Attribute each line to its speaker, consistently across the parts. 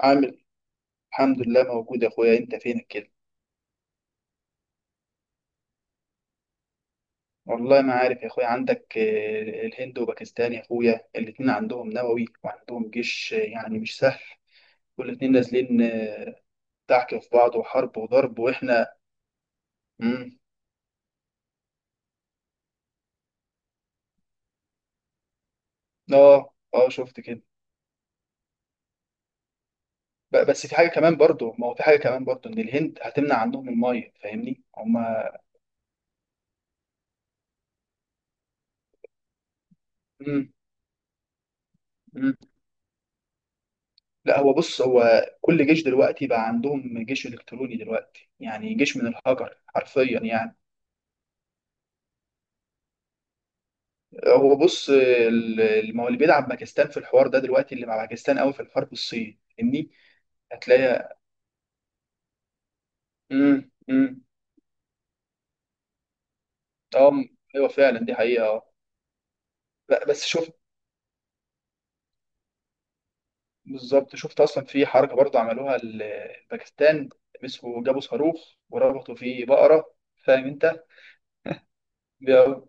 Speaker 1: عامل الحمد لله موجود يا اخويا، انت فينك كده؟ والله ما عارف يا اخويا. عندك الهند وباكستان يا اخويا، الاتنين عندهم نووي وعندهم جيش، يعني مش سهل. والاتنين نازلين دعك في بعض وحرب وضرب، واحنا. مم. اه اه شفت كده. بس في حاجة كمان برضو، ما هو في حاجة كمان برضو ان الهند هتمنع عندهم المية، فاهمني هما؟ مم. مم. لا هو بص هو كل جيش دلوقتي بقى عندهم جيش الكتروني دلوقتي، يعني جيش من الهجر حرفيا يعني. هو بص ما هو اللي بيلعب باكستان في الحوار ده دلوقتي، اللي مع باكستان قوي في الحرب الصين، فاهمني؟ هتلاقي. امم امم اه م- ايوه فعلا دي حقيقه اه. بس شفت، بالظبط شفت اصلا في حركه برضه عملوها باكستان مسكوا، جابوا صاروخ وربطوا فيه بقره. فاهم انت؟ بيقعد-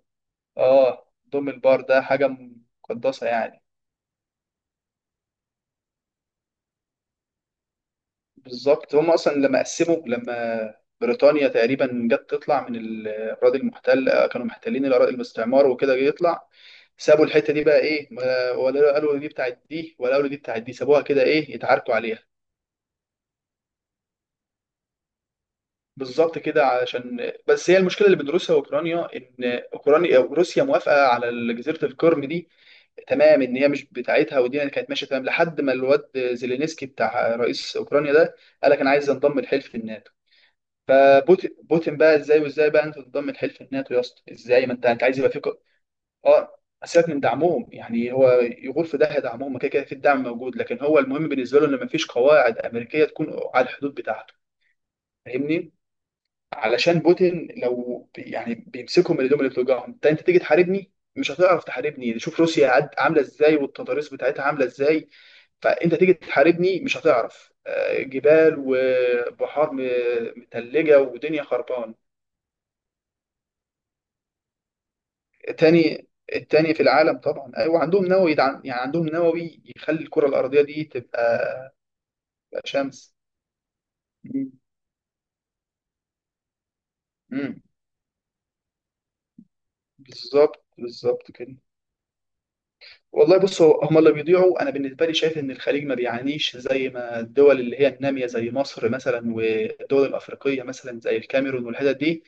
Speaker 1: اه ضم البار ده حاجه مقدسه يعني. بالظبط. هم اصلا لما قسموا لما بريطانيا تقريبا جت تطلع من الاراضي المحتله، كانوا محتلين الاراضي الاستعمار وكده، جه يطلع سابوا الحته دي بقى ايه، ولا قالوا دي بتاعت دي ولا قالوا دي بتاعت دي، سابوها كده ايه يتعاركوا عليها. بالظبط كده، علشان بس هي المشكله اللي بين روسيا واوكرانيا ان اوكرانيا روسيا موافقه على جزيره القرم دي تمام، ان هي مش بتاعتها. ودي يعني كانت ماشيه تمام لحد ما الواد زيلينسكي بتاع رئيس اوكرانيا ده قال لك انا عايز انضم لحلف الناتو. فبوتين بقى ازاي، وازاي بقى انت تنضم لحلف الناتو يا اسطى، ازاي؟ ما انت عايز يبقى فيك. اه. سيبك من دعمهم، يعني هو يغور في داهيه دعمهم، ما كده كده في الدعم موجود، لكن هو المهم بالنسبه له ان ما فيش قواعد امريكيه تكون على الحدود بتاعته، فاهمني؟ علشان بوتين لو يعني بيمسكهم اللي هم اللي بتوجعهم. انت تيجي تحاربني مش هتعرف تحاربني، شوف روسيا عامله ازاي والتضاريس بتاعتها عامله ازاي. فانت تيجي تحاربني مش هتعرف، جبال وبحار متلجه ودنيا خربانه. تاني، التاني في العالم طبعا. ايوه عندهم نووي يدعم، يعني عندهم نووي يخلي الكره الارضيه دي تبقى تبقى شمس. مم. مم. بالظبط بالظبط كده. والله بص هو هم اللي بيضيعوا. انا بالنسبه لي شايف ان الخليج ما بيعانيش زي ما الدول اللي هي الناميه، زي مصر مثلا والدول الافريقيه مثلا زي الكاميرون والحتت دي،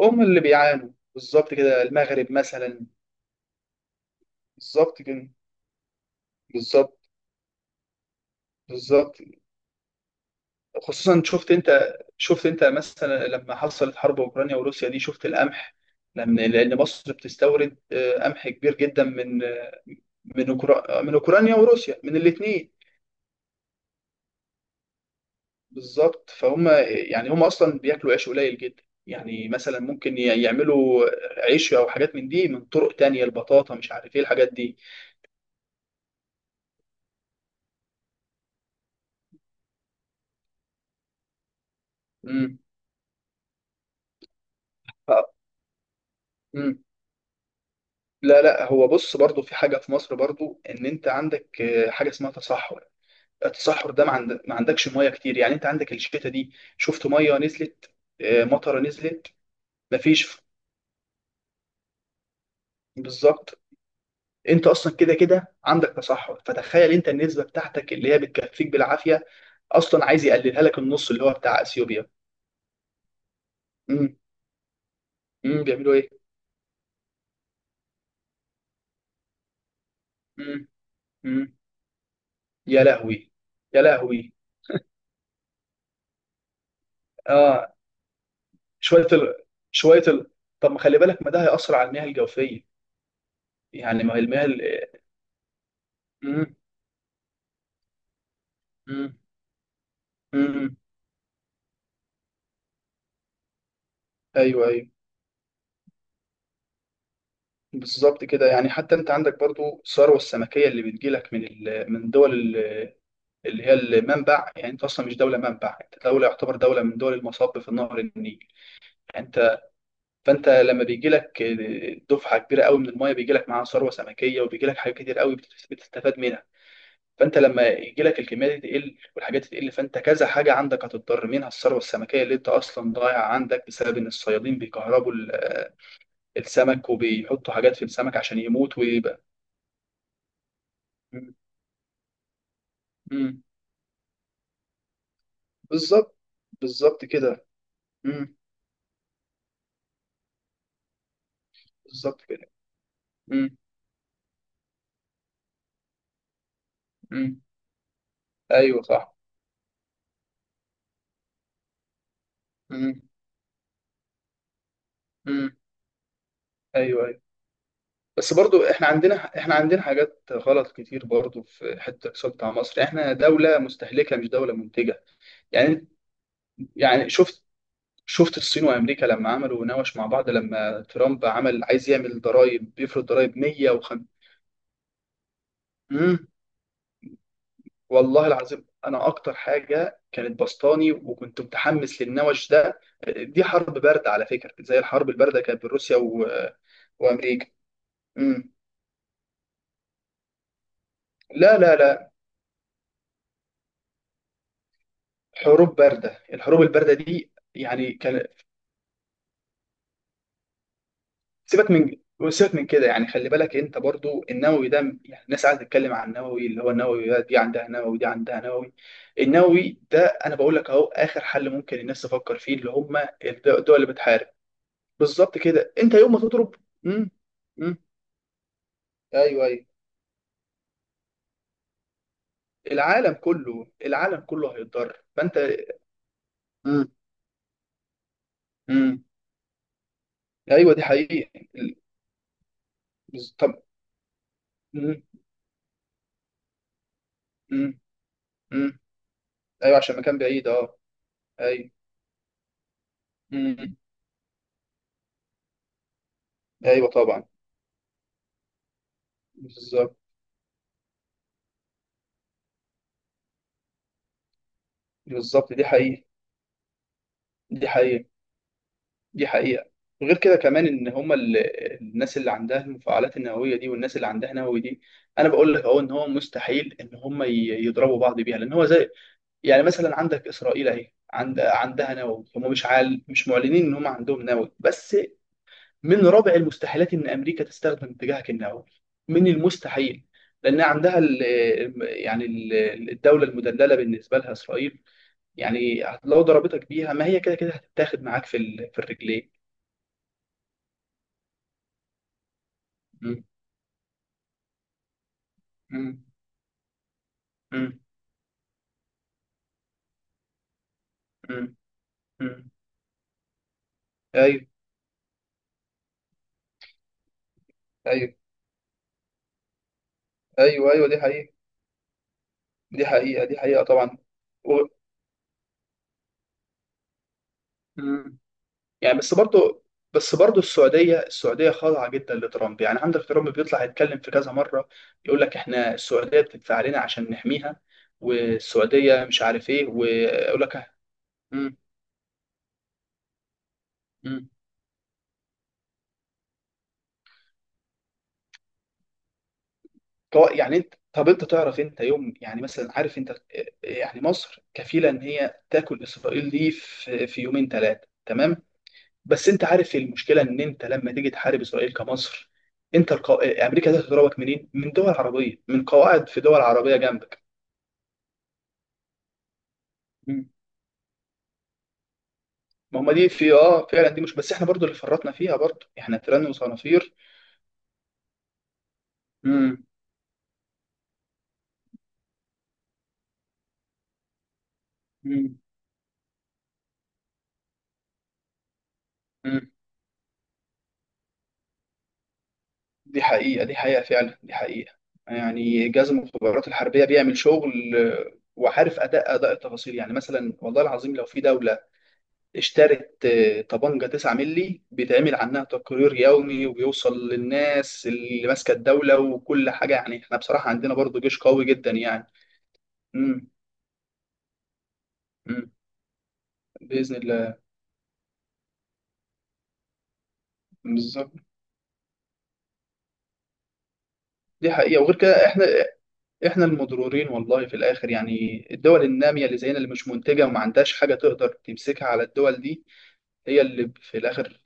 Speaker 1: هم اللي بيعانوا. بالظبط كده، المغرب مثلا. بالظبط كده. بالظبط بالظبط. خصوصا شفت انت، شفت انت مثلا لما حصلت حرب اوكرانيا وروسيا دي، شفت القمح. لان لان مصر بتستورد قمح كبير جدا من أوكرا... من اوكرانيا وروسيا، من الاثنين. بالظبط. فهم يعني هم اصلا بياكلوا عيش قليل جدا، يعني مثلا ممكن يعملوا عيش او حاجات من دي، من طرق تانية، البطاطا مش عارف ايه الحاجات دي. امم ف... امم لا لا هو بص برضو في حاجة في مصر برضو، ان انت عندك حاجة اسمها تصحر. التصحر ده ما عندكش ميه كتير، يعني انت عندك الشتاء دي شفت ميه نزلت، مطره نزلت مفيش. بالظبط. انت اصلا كده كده عندك تصحر، فتخيل انت النسبه بتاعتك اللي هي بتكفيك بالعافيه اصلا عايز يقللها لك النص اللي هو بتاع اثيوبيا. امم بيعملوا ايه؟ امم امم يا لهوي. يا لهوي. اه. شويه ال... شويه ال... طب ما خلي بالك، ما ده هيأثر على المياه الجوفيه. يعني ما هي المياه امم امم امم ايوه ايوه. بالظبط كده، يعني حتى انت عندك برضو الثروه السمكيه اللي بتجيلك من من دول اللي هي المنبع. يعني انت اصلا مش دوله منبع، انت دوله يعتبر دوله من دول المصب في نهر النيل. يعني انت، فانت لما بيجي لك دفعه كبيره قوي من المايه بيجي لك معاها ثروه سمكيه، وبيجي لك حاجات كتير قوي بتستفاد منها. فانت لما يجي لك الكميه دي تقل والحاجات دي تقل، فانت كذا حاجه عندك هتضطر منها الثروه السمكيه اللي انت اصلا ضايعه عندك بسبب ان الصيادين بيكهربوا السمك وبيحطوا حاجات في السمك عشان يموت ويبقى. مم. بالظبط. بالظبط كده. مم. بالظبط كده. مم. مم. ايوه صح. مم. مم. ايوه ايوه. بس برضو احنا عندنا، احنا عندنا حاجات غلط كتير برضو في حته الاقتصاد بتاع مصر. احنا دوله مستهلكه مش دوله منتجه. يعني، يعني شفت، شفت الصين وامريكا لما عملوا نوش مع بعض، لما ترامب عمل عايز يعمل ضرائب بيفرض ضرائب 150. والله العظيم انا اكتر حاجه كانت بسطاني وكنت متحمس للنوش ده. دي حرب بارده على فكره، زي الحرب البارده كانت بين روسيا وامريكا. امم لا لا لا، حروب بارده. الحروب البارده دي يعني كان. سيبك من، سيبك من كده، يعني خلي بالك انت برضو النووي ده، يعني الناس قاعده تتكلم عن النووي اللي هو النووي دي عندها نووي دي عندها نووي. النووي ده، انا بقول لك اهو اخر حل ممكن الناس تفكر فيه، اللي هم الدول اللي بتحارب. بالظبط كده، انت يوم ما تضرب. مم. مم. ايوه ايوه. العالم كله، العالم كله هيتضرر، فانت. امم مم. ايوه دي حقيقة. ال- طب. مم. مم. مم. ايوه عشان مكان بعيد اه. ايوه. مم. ايوه طبعا. بالظبط. بالظبط دي حقيقة. دي حقيقة. دي حقيقة. غير كده كمان ان هما الناس اللي عندها المفاعلات النووية دي والناس اللي عندها نووي دي، انا بقول لك اهو ان هو مستحيل ان هما يضربوا بعض بيها. لان هو زي، يعني مثلا عندك اسرائيل اهي عندها نووي، هم مش عال مش معلنين ان هم عندهم نووي بس. من رابع المستحيلات ان امريكا تستخدم اتجاهك النووي. من المستحيل. لان عندها ال، يعني الدوله المدلله بالنسبه لها اسرائيل. يعني لو ضربتك بيها ما هي كده كده هتتاخد معاك في في الرجلين. مم. مم. مم. مم. مم. ايوه ايوه. ايوه ايوه دي حقيقه. دي حقيقه دي حقيقه طبعا. و... مم. يعني بس برضه، بس برضه السعودية السعودية خاضعة جدا لترامب. يعني عندك ترامب بيطلع يتكلم في كذا مرة، يقول لك احنا السعودية بتدفع علينا عشان نحميها، والسعودية مش عارف ايه، ويقول لك مم، مم. يعني انت، طب انت تعرف انت يوم، يعني مثلا عارف انت، يعني مصر كفيلة ان هي تاكل اسرائيل دي في في يومين ثلاثة تمام. بس انت عارف المشكلة ان انت لما تيجي تحارب اسرائيل كمصر، انت امريكا دي هتضربك منين؟ من دول عربيه، من قواعد في دول عربيه جنبك. مم. ما هم دي في اه فعلا، دي مش بس احنا برضو اللي فرطنا فيها برضو احنا تيران وصنافير. مم. مم. مم. دي حقيقة دي حقيقة فعلا دي حقيقة. يعني جهاز المخابرات الحربية بيعمل شغل، وعارف أداء أداء التفاصيل. يعني مثلا والله العظيم لو في دولة اشترت طبنجة 9 مللي بيتعمل عنها تقرير يومي وبيوصل للناس اللي ماسكة الدولة وكل حاجة. يعني احنا بصراحة عندنا برضو جيش قوي جدا يعني. مم. مم. بإذن الله. بالظبط دي حقيقة. وغير كده احنا، احنا المضرورين والله في الاخر، يعني الدول الناميه اللي زينا اللي مش منتجه وما عندهاش حاجه تقدر تمسكها على الدول دي، هي اللي في الاخر.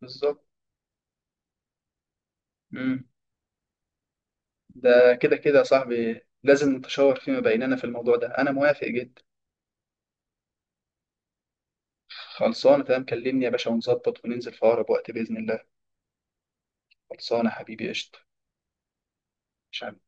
Speaker 1: بالظبط. مم. ده كده كده يا صاحبي، لازم نتشاور فيما بيننا في الموضوع ده، انا موافق جدا. خلصانه تمام، كلمني يا باشا ونظبط وننزل في اقرب وقت باذن الله. خلصانه حبيبي قشطه. مش عارف.